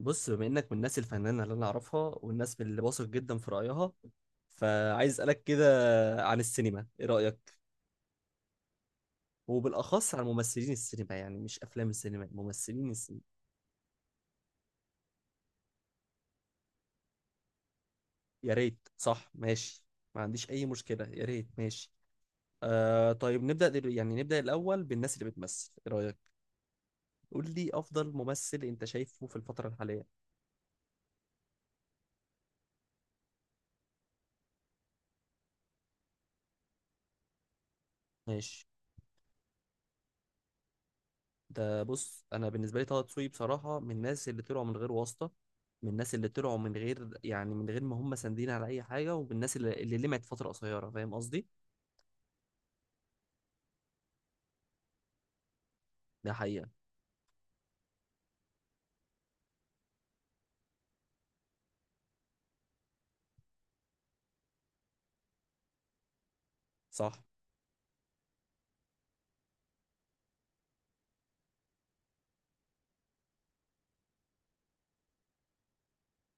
بص، بما انك من الناس الفنانه اللي انا اعرفها والناس اللي واثق جدا في رايها، فعايز اسالك كده عن السينما، ايه رايك؟ وبالاخص عن ممثلين السينما، يعني مش افلام السينما، ممثلين السينما. يا ريت، صح، ماشي. ما عنديش اي مشكله، يا ريت، ماشي. آه طيب، نبدا دل... يعني نبدا الاول بالناس اللي بتمثل، ايه رايك؟ قول لي افضل ممثل انت شايفه في الفتره الحاليه. ماشي. ده بص، انا بالنسبه لي طه دسوقي بصراحه من الناس اللي طلعوا من غير واسطه. من الناس اللي طلعوا من غير، يعني من غير ما هم ساندين على اي حاجه، ومن الناس اللي لمعت فتره قصيره، فاهم قصدي. ده حقيقه. صح.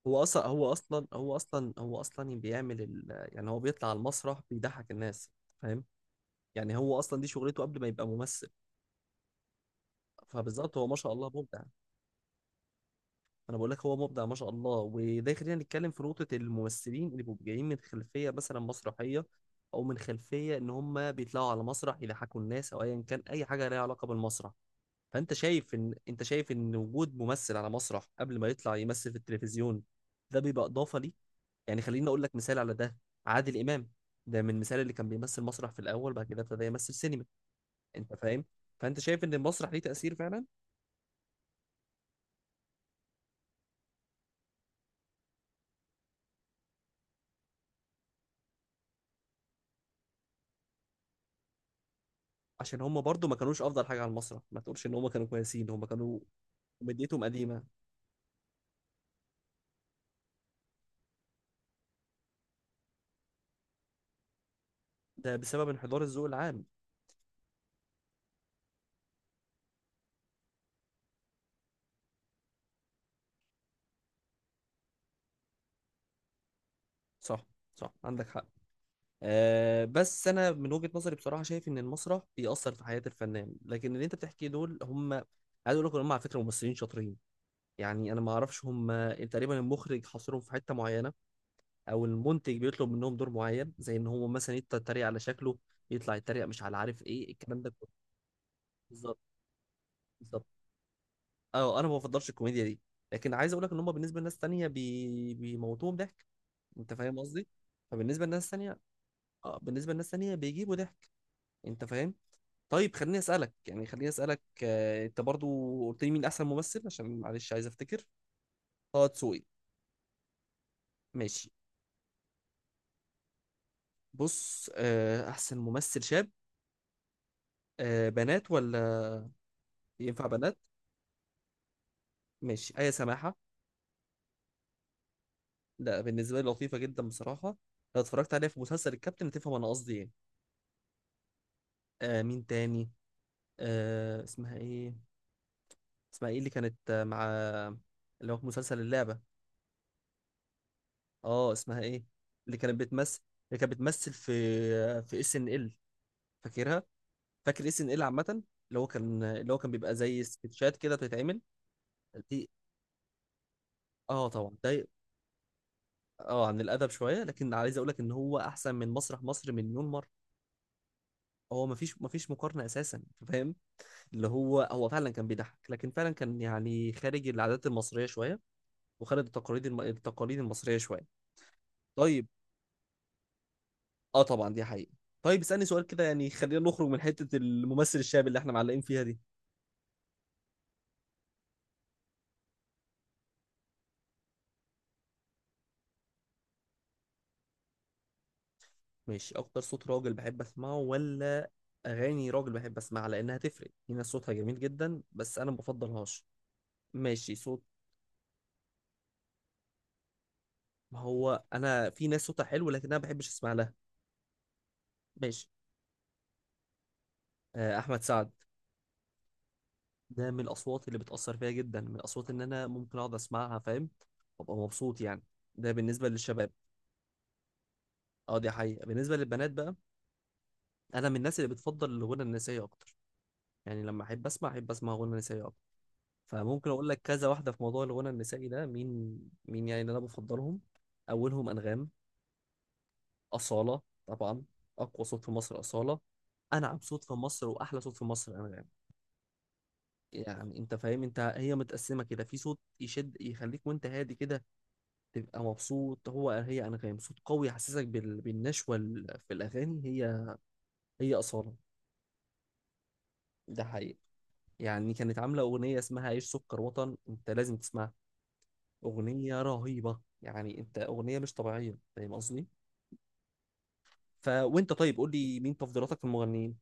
هو اصلا بيعمل يعني هو بيطلع على المسرح بيضحك الناس، فاهم. يعني هو اصلا دي شغلته قبل ما يبقى ممثل. فبالظبط، هو ما شاء الله مبدع. انا بقول لك هو مبدع ما شاء الله، وده يخلينا نتكلم في نقطه الممثلين اللي بيبقوا جايين من خلفيه مثلا مسرحيه، او من خلفيه ان هم بيطلعوا على مسرح يضحكوا الناس، او ايا كان اي حاجه ليها علاقه بالمسرح. فانت شايف ان انت شايف ان وجود ممثل على مسرح قبل ما يطلع يمثل في التلفزيون، ده بيبقى اضافه ليه؟ يعني خليني اقول لك مثال على ده: عادل امام، ده من المثال اللي كان بيمثل مسرح في الاول، بعد كده ابتدى يمثل سينما. انت فاهم. فانت شايف ان المسرح ليه تاثير فعلا. عشان هم برضو ما كانوش افضل حاجه على المسرح، ما تقولش ان هم كانوا كويسين، هم كانوا ومديتهم قديمة. ده بسبب انحدار الذوق العام. صح. صح، عندك حق. أه، بس أنا من وجهة نظري بصراحة شايف إن المسرح بيأثر في حياة الفنان، لكن اللي أنت بتحكيه دول هم، عايز أقول لك إن هم على فكرة ممثلين شاطرين. يعني أنا ما أعرفش، هم تقريبا المخرج حاصرهم في حتة معينة، أو المنتج بيطلب منهم دور معين زي إن هو مثلا يتريق على شكله، يطلع يتريق مش على عارف إيه الكلام ده كله. بالظبط. بالظبط. أه، أنا ما بفضلش الكوميديا دي، لكن عايز أقول لك إن هم بالنسبة لناس تانية بيموتوهم ضحك، انت فاهم قصدي. فبالنسبه للناس الثانيه، اه بالنسبه للناس الثانيه بيجيبوا ضحك، انت فاهم. طيب خليني اسالك، يعني خليني اسالك انت برضو قلت لي مين احسن ممثل، عشان معلش عايز افتكر. طه دسوقي. ماشي. بص، احسن ممثل شاب، بنات ولا ينفع بنات؟ ماشي، ايه سماحه. لا، بالنسبه لي لطيفه جدا بصراحه. لو اتفرجت عليها في مسلسل الكابتن هتفهم انا قصدي ايه. مين تاني، اسمها ايه؟ اسمها ايه اللي كانت مع، اللي هو في مسلسل اللعبه؟ اه، اسمها ايه اللي كانت بتمثل، اللي كانت بتمثل في، في اس ان ال؟ فاكرها. فاكر اس ان ال عامه، اللي هو كان بيبقى زي سكتشات كده بتتعمل. دي، اه طبعا ده، اه عن الادب شويه، لكن عايز اقول لك ان هو احسن من مسرح مصر مليون مره. هو مفيش مقارنه اساسا، أنت فاهم. اللي هو فعلا كان بيضحك، لكن فعلا كان يعني خارج العادات المصريه شويه، وخارج التقاليد المصريه شويه. طيب، اه طبعا دي حقيقة. طيب اسألني سؤال كده، يعني خلينا نخرج من حتة الممثل الشاب اللي احنا معلقين فيها دي. ماشي، اكتر صوت راجل بحب اسمعه، ولا اغاني راجل بحب اسمعها، لانها تفرق. في ناس صوتها جميل جدا بس انا ما بفضلهاش. ماشي، صوت، ما هو انا في ناس صوتها حلو لكن انا ما بحبش اسمع لها. ماشي، آه احمد سعد، ده من الاصوات اللي بتأثر فيا جدا، من الاصوات ان انا ممكن اقعد اسمعها، فاهم، وابقى مبسوط يعني. ده بالنسبة للشباب. اه، دي حقيقة. بالنسبة للبنات بقى، انا من الناس اللي بتفضل الغنى النسائي اكتر، يعني لما احب اسمع، احب اسمع غنى نسائي اكتر. فممكن اقول لك كذا واحده في موضوع الغنى النسائي ده، مين، مين يعني اللي انا بفضلهم. اولهم انغام، اصاله. طبعا، اقوى صوت في مصر اصاله، انعم صوت في مصر واحلى صوت في مصر انغام. يعني انت فاهم، انت هي متقسمه كده، في صوت يشد يخليك وانت هادي كده تبقى مبسوط، هو هي انغام، صوت قوي يحسسك بالنشوه في الاغاني، هي هي اصاله. ده حقيقي. يعني كانت عامله اغنيه اسمها عيش سكر وطن، انت لازم تسمعها. أغنية رهيبة، يعني أنت أغنية مش طبيعية، فاهم قصدي؟ فوأنت طيب، قول لي مين تفضيلاتك في المغنيين؟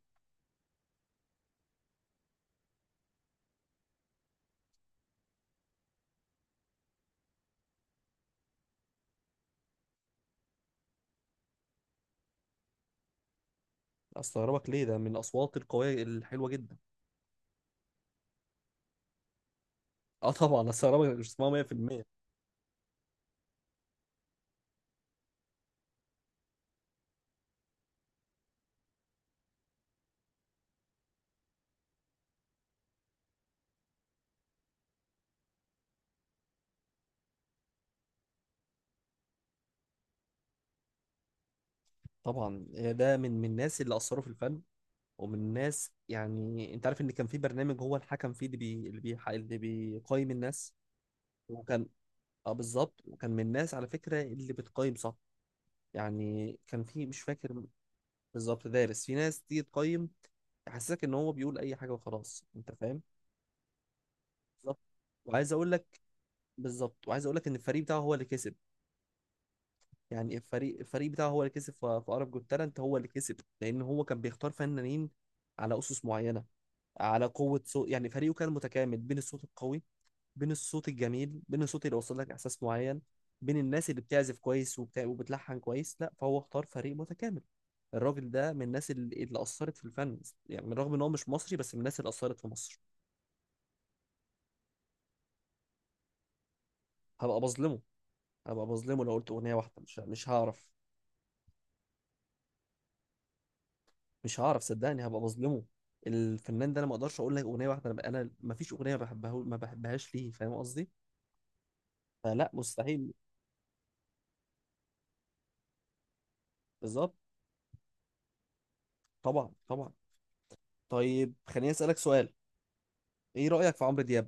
أستغربك ليه؟ ده من الأصوات القوية الحلوة جدا. أه طبعا، أستغربك إنك مش اسمها 100%. طبعا ده من الناس اللي أثروا في الفن، ومن الناس، يعني أنت عارف إن كان في برنامج هو الحكم فيه، اللي بيقيم الناس، وكان، أه بالظبط، وكان من الناس على فكرة اللي بتقيم صح. يعني كان في، مش فاكر. بالظبط، دارس، في ناس تيجي تقيم يحسسك ان هو بيقول اي حاجه وخلاص، انت فاهم. بالظبط، وعايز اقول لك، بالظبط وعايز اقول لك ان الفريق بتاعه هو اللي كسب. يعني الفريق بتاعه هو اللي كسب في عرب جوت تالنت، هو اللي كسب، لان هو كان بيختار فنانين على اسس معينه، على قوه صوت. يعني فريقه كان متكامل، بين الصوت القوي، بين الصوت الجميل، بين الصوت اللي وصل لك احساس معين، بين الناس اللي بتعزف كويس وبتاع وبتلحن كويس، لا فهو اختار فريق متكامل. الراجل ده من الناس اللي اثرت في الفن. يعني بالرغم ان هو مش مصري، بس من الناس اللي اثرت في مصر. هبقى بظلمه، هبقى بظلمه لو قلت اغنيه واحده، مش هعرف. مش هعرف صدقني، هبقى بظلمه. الفنان ده انا ما اقدرش اقول لك اغنيه واحده، انا ما فيش اغنيه بحبها ما بحبهاش ليه، فاهم قصدي؟ فلا، مستحيل. بالظبط. طبعا طبعا. طيب خليني اسالك سؤال، ايه رايك في عمرو دياب؟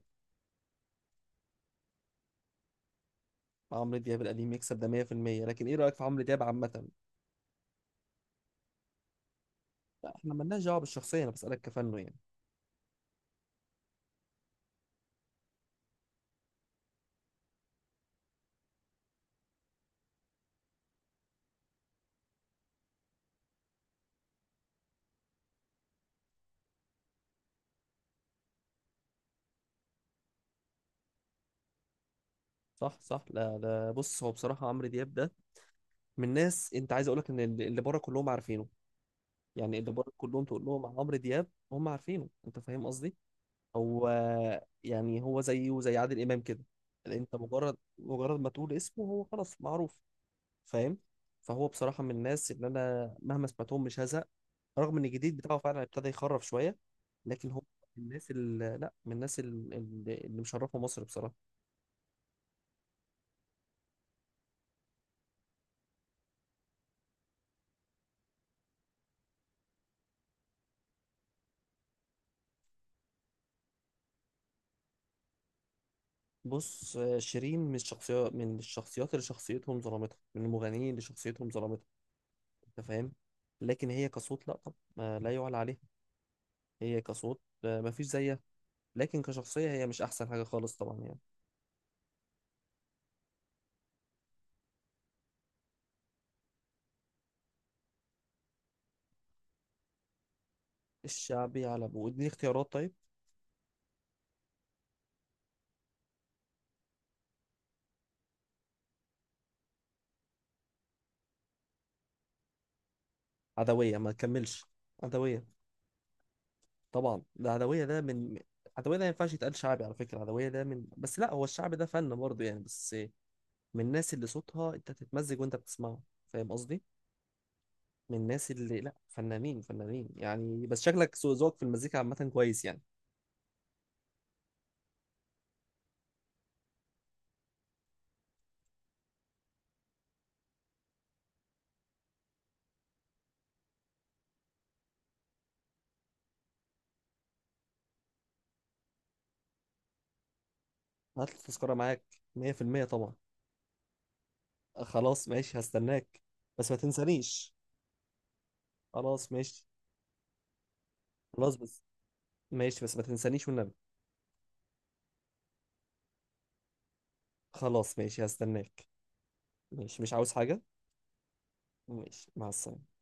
عمرو دياب القديم يكسب، ده 100%، لكن ايه رأيك في عمرو دياب عامة؟ لا احنا مالناش دعوة بالشخصية، انا بسألك كفنه يعني. صح صح. لا لا، بص هو بصراحة عمرو دياب ده من ناس، انت عايز اقولك ان اللي بره كلهم عارفينه. يعني اللي بره كلهم تقول لهم عن عمرو دياب هم عارفينه، انت فاهم قصدي؟ هو، يعني هو زيه زي عادل امام كده. انت مجرد ما تقول اسمه هو خلاص معروف، فاهم. فهو بصراحة من الناس اللي أنا مهما سمعتهم مش هزهق. رغم إن الجديد بتاعه فعلا ابتدى يخرف شوية، لكن هو من الناس اللي، لا من الناس اللي مشرفة مصر بصراحة. بص، شيرين من الشخصيات، من الشخصيات اللي شخصيتهم ظلمتها، من المغنيين اللي شخصيتهم ظلمتها. أنت فاهم. لكن هي كصوت، لا طب ما لا يعلى عليها، هي كصوت ما فيش زيها، لكن كشخصية هي مش أحسن حاجة خالص طبعا، يعني. الشعبي على أبوه، اديني اختيارات طيب. عدوية، ما تكملش. عدوية، طبعا العدوية ده من، العدوية ده ما ينفعش يتقال شعبي على فكرة، العدوية ده من، بس لا هو الشعب ده فن برضه يعني، بس من الناس اللي صوتها انت تتمزج وانت بتسمعه، فاهم قصدي؟ من الناس اللي، لا فنانين فنانين يعني، بس شكلك ذوقك في المزيكا عامة كويس يعني. هات التذكرة معاك، 100% طبعا. أه خلاص ماشي، هستناك، بس ما تنسانيش. خلاص ماشي. خلاص بس، ماشي، بس ما تنسانيش والنبي. خلاص ماشي، هستناك. ماشي، مش عاوز حاجة. ماشي، مع السلامة.